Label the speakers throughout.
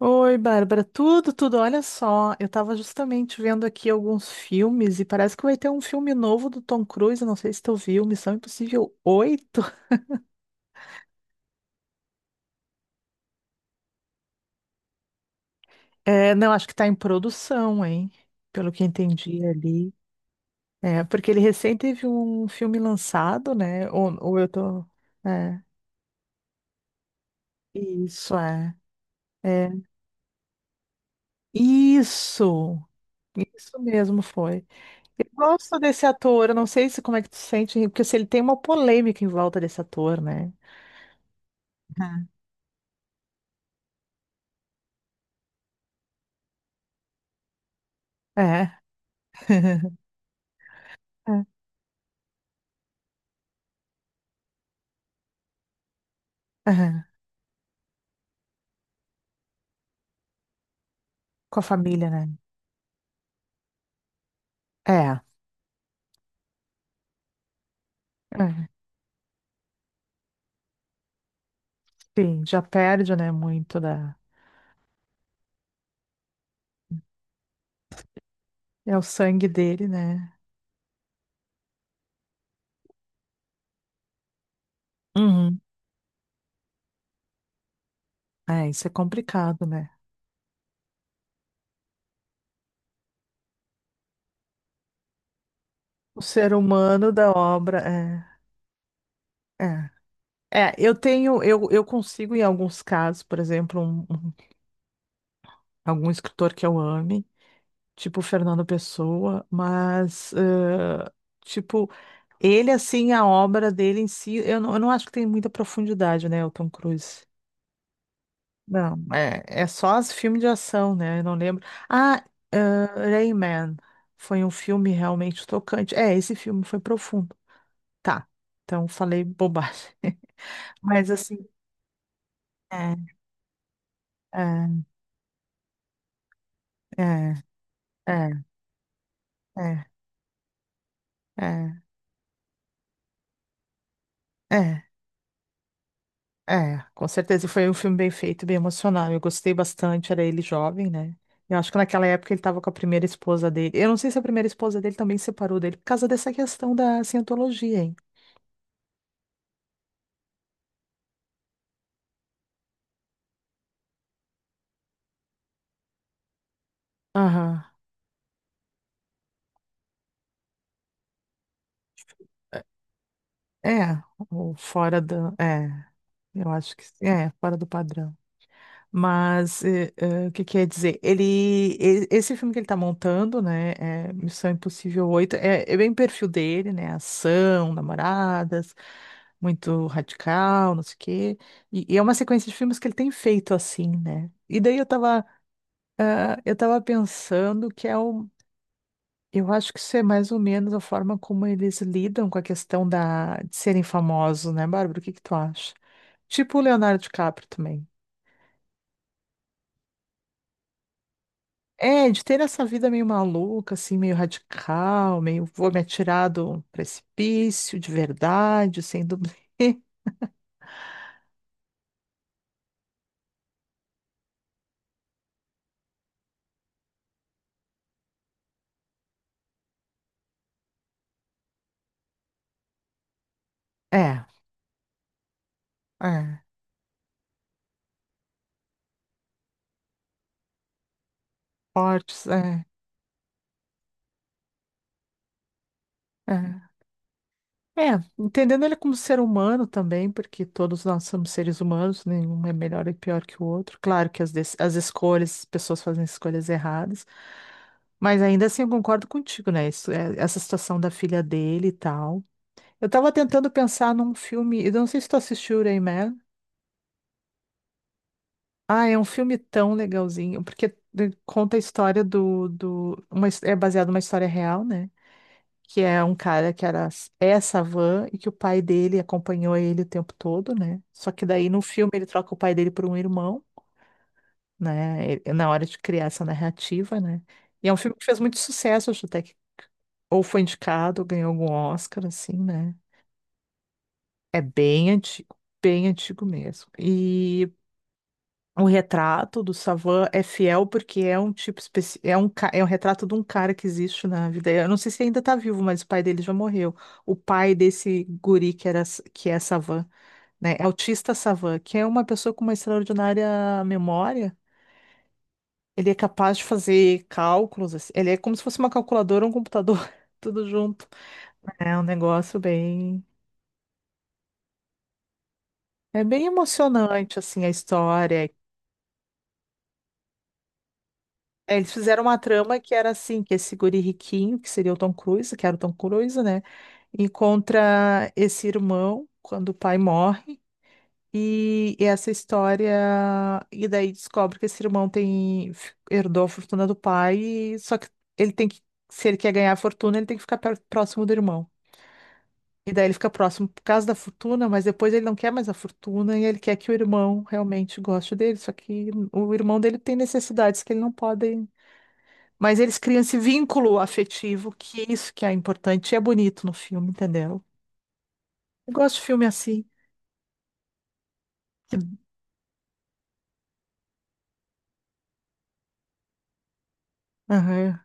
Speaker 1: Oi, Bárbara, tudo, tudo. Olha só, eu tava justamente vendo aqui alguns filmes e parece que vai ter um filme novo do Tom Cruise. Não sei se tu viu, Missão Impossível 8. É, não, acho que tá em produção, hein? Pelo que entendi ali. É, porque ele recém teve um filme lançado, né? Ou eu tô. É, isso, é. É, isso. Isso mesmo foi. Eu gosto desse ator, eu não sei se como é que tu sente, porque se ele tem uma polêmica em volta desse ator, né? É. É, é. Com a família, né? É. É. Sim, já perde, né? Muito da. É o sangue dele, né? Uhum. É, isso é complicado, né? O ser humano da obra é. É, é eu tenho, eu consigo, em alguns casos, por exemplo, algum escritor que eu ame, tipo Fernando Pessoa, mas, tipo, ele, assim, a obra dele em si, eu não acho que tem muita profundidade, né, o Tom Cruise. Não, é só os filmes de ação, né? Eu não lembro. Ah, Rayman. Foi um filme realmente tocante. É, esse filme foi profundo. Tá. Então falei bobagem. Mas assim, é, é, é, é, é, é, é, é. Com certeza foi um filme bem feito, bem emocional. Eu gostei bastante, era ele jovem, né? Eu acho que naquela época ele estava com a primeira esposa dele. Eu não sei se a primeira esposa dele também se separou dele por causa dessa questão da cientologia, hein? Aham. É, ou fora da. É, eu acho que é, fora do padrão. Mas o que quer dizer? Esse filme que ele está montando, né? É Missão Impossível 8, é bem o perfil dele, né? Ação, namoradas, muito radical, não sei o quê. E é uma sequência de filmes que ele tem feito assim, né? E daí eu tava pensando que é o eu acho que isso é mais ou menos a forma como eles lidam com a questão de serem famosos, né, Bárbara? O que que tu acha? Tipo o Leonardo DiCaprio também. É, de ter essa vida meio maluca, assim, meio radical, meio vou me atirar do precipício, de verdade, sem dublê. É, é, fortes, é. É, entendendo ele como ser humano também, porque todos nós somos seres humanos, nenhum é melhor e pior que o outro. Claro que as escolhas, as pessoas fazem escolhas erradas, mas ainda assim eu concordo contigo, né? Isso, essa situação da filha dele e tal. Eu tava tentando pensar num filme, eu não sei se tu assistiu Rain Man. Ah, é um filme tão legalzinho, porque conta a história do uma, é baseado numa história real, né? Que é um cara que era essa van e que o pai dele acompanhou ele o tempo todo, né? Só que daí no filme ele troca o pai dele por um irmão, né? Na hora de criar essa narrativa, né? E é um filme que fez muito sucesso, acho até que ou foi indicado, ganhou algum Oscar, assim, né? É bem antigo mesmo. E o retrato do Savan é fiel porque é um tipo é um retrato de um cara que existe na vida. Eu não sei se ainda tá vivo, mas o pai dele já morreu. O pai desse guri que é Savan, né? É Autista Savan, que é uma pessoa com uma extraordinária memória. Ele é capaz de fazer cálculos, assim. Ele é como se fosse uma calculadora, um computador, tudo junto. É um negócio bem. É bem emocionante assim a história. É, eles fizeram uma trama que era assim, que esse guri riquinho, que seria o Tom Cruise, que era o Tom Cruise, né? Encontra esse irmão quando o pai morre e essa história e daí descobre que esse irmão herdou a fortuna do pai, só que ele tem que se ele quer ganhar a fortuna, ele tem que ficar próximo do irmão. E daí ele fica próximo por causa da fortuna, mas depois ele não quer mais a fortuna e ele quer que o irmão realmente goste dele, só que o irmão dele tem necessidades que ele não pode, mas eles criam esse vínculo afetivo, que é isso que é importante. E é bonito no filme, entendeu? Eu gosto de filme assim. Que- Aham.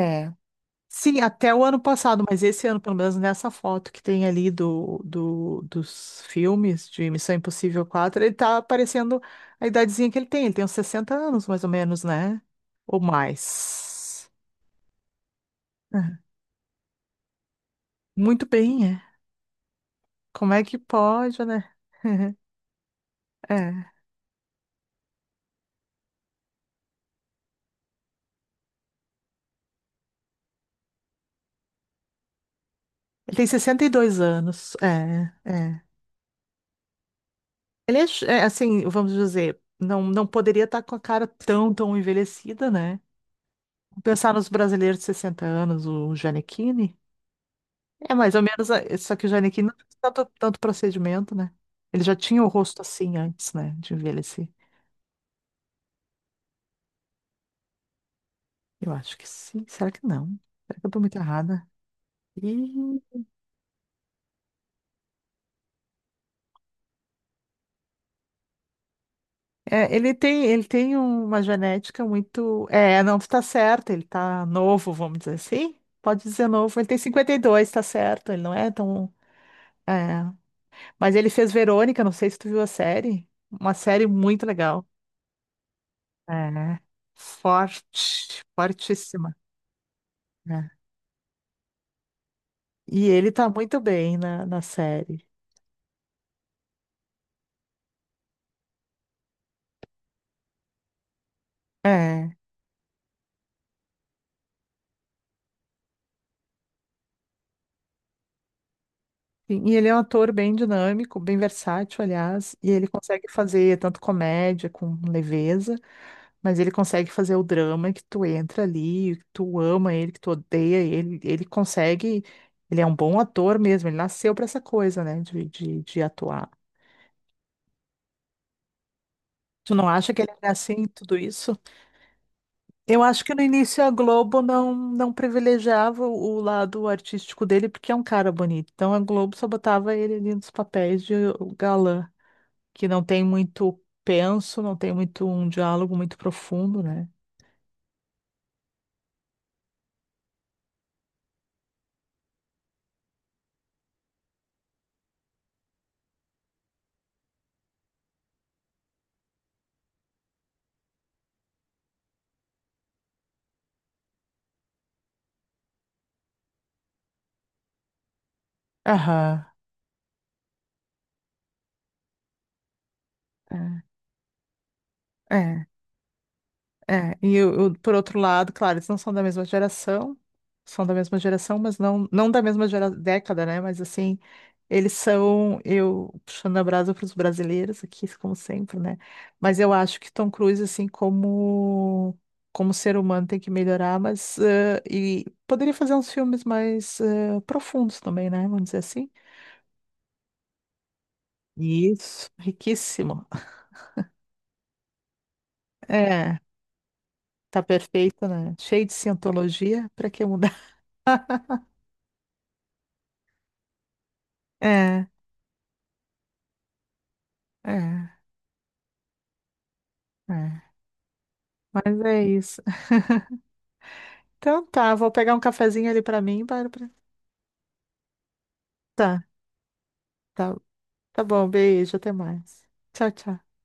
Speaker 1: É. Sim, até o ano passado, mas esse ano, pelo menos nessa foto que tem ali dos filmes de Missão Impossível 4, ele tá aparecendo a idadezinha que ele tem. Ele tem uns 60 anos, mais ou menos, né? Ou mais. É. Muito bem, é. Como é que pode, né? É. Ele tem 62 anos. É. Ele é, é, assim, vamos dizer, não, não poderia estar com a cara tão, tão envelhecida, né? Pensar nos brasileiros de 60 anos, o Gianecchini. É mais ou menos, só que o Gianecchini não fez tanto, tanto procedimento, né? Ele já tinha o rosto assim antes, né, de envelhecer. Eu acho que sim. Será que não? Será que eu tô muito errada? Ih, é, ele tem uma genética muito. É, não, tu tá certo, ele tá novo, vamos dizer assim. Pode dizer novo, ele tem 52, tá certo, ele não é tão. É. Mas ele fez Verônica, não sei se tu viu a série. Uma série muito legal. É. Forte, fortíssima, né? E ele tá muito bem na série. É. E ele é um ator bem dinâmico, bem versátil, aliás, e ele consegue fazer tanto comédia com leveza, mas ele consegue fazer o drama que tu entra ali, que tu ama ele, que tu odeia ele, ele consegue, ele é um bom ator mesmo, ele nasceu pra essa coisa, né, de atuar. Tu não acha que ele é assim, em tudo isso? Eu acho que no início a Globo não privilegiava o lado artístico dele, porque é um cara bonito. Então a Globo só botava ele ali nos papéis de galã, que não tem muito penso, não tem muito um diálogo muito profundo, né? Aham. É. É. É, e eu, por outro lado, claro, eles não são da mesma geração, são da mesma geração, mas não da mesma década, né? Mas assim, eles são, eu puxando a brasa para os brasileiros aqui, como sempre, né? Mas eu acho que Tom Cruise, assim, como ser humano, tem que melhorar, mas e poderia fazer uns filmes mais profundos também, né? Vamos dizer assim. Isso, riquíssimo. É, tá perfeito, né? Cheio de cientologia, para que mudar? É, é. É, mas é isso. Então tá, vou pegar um cafezinho ali pra mim, Bárbara. Tá, tá, tá bom, beijo, até mais. Tchau, tchau.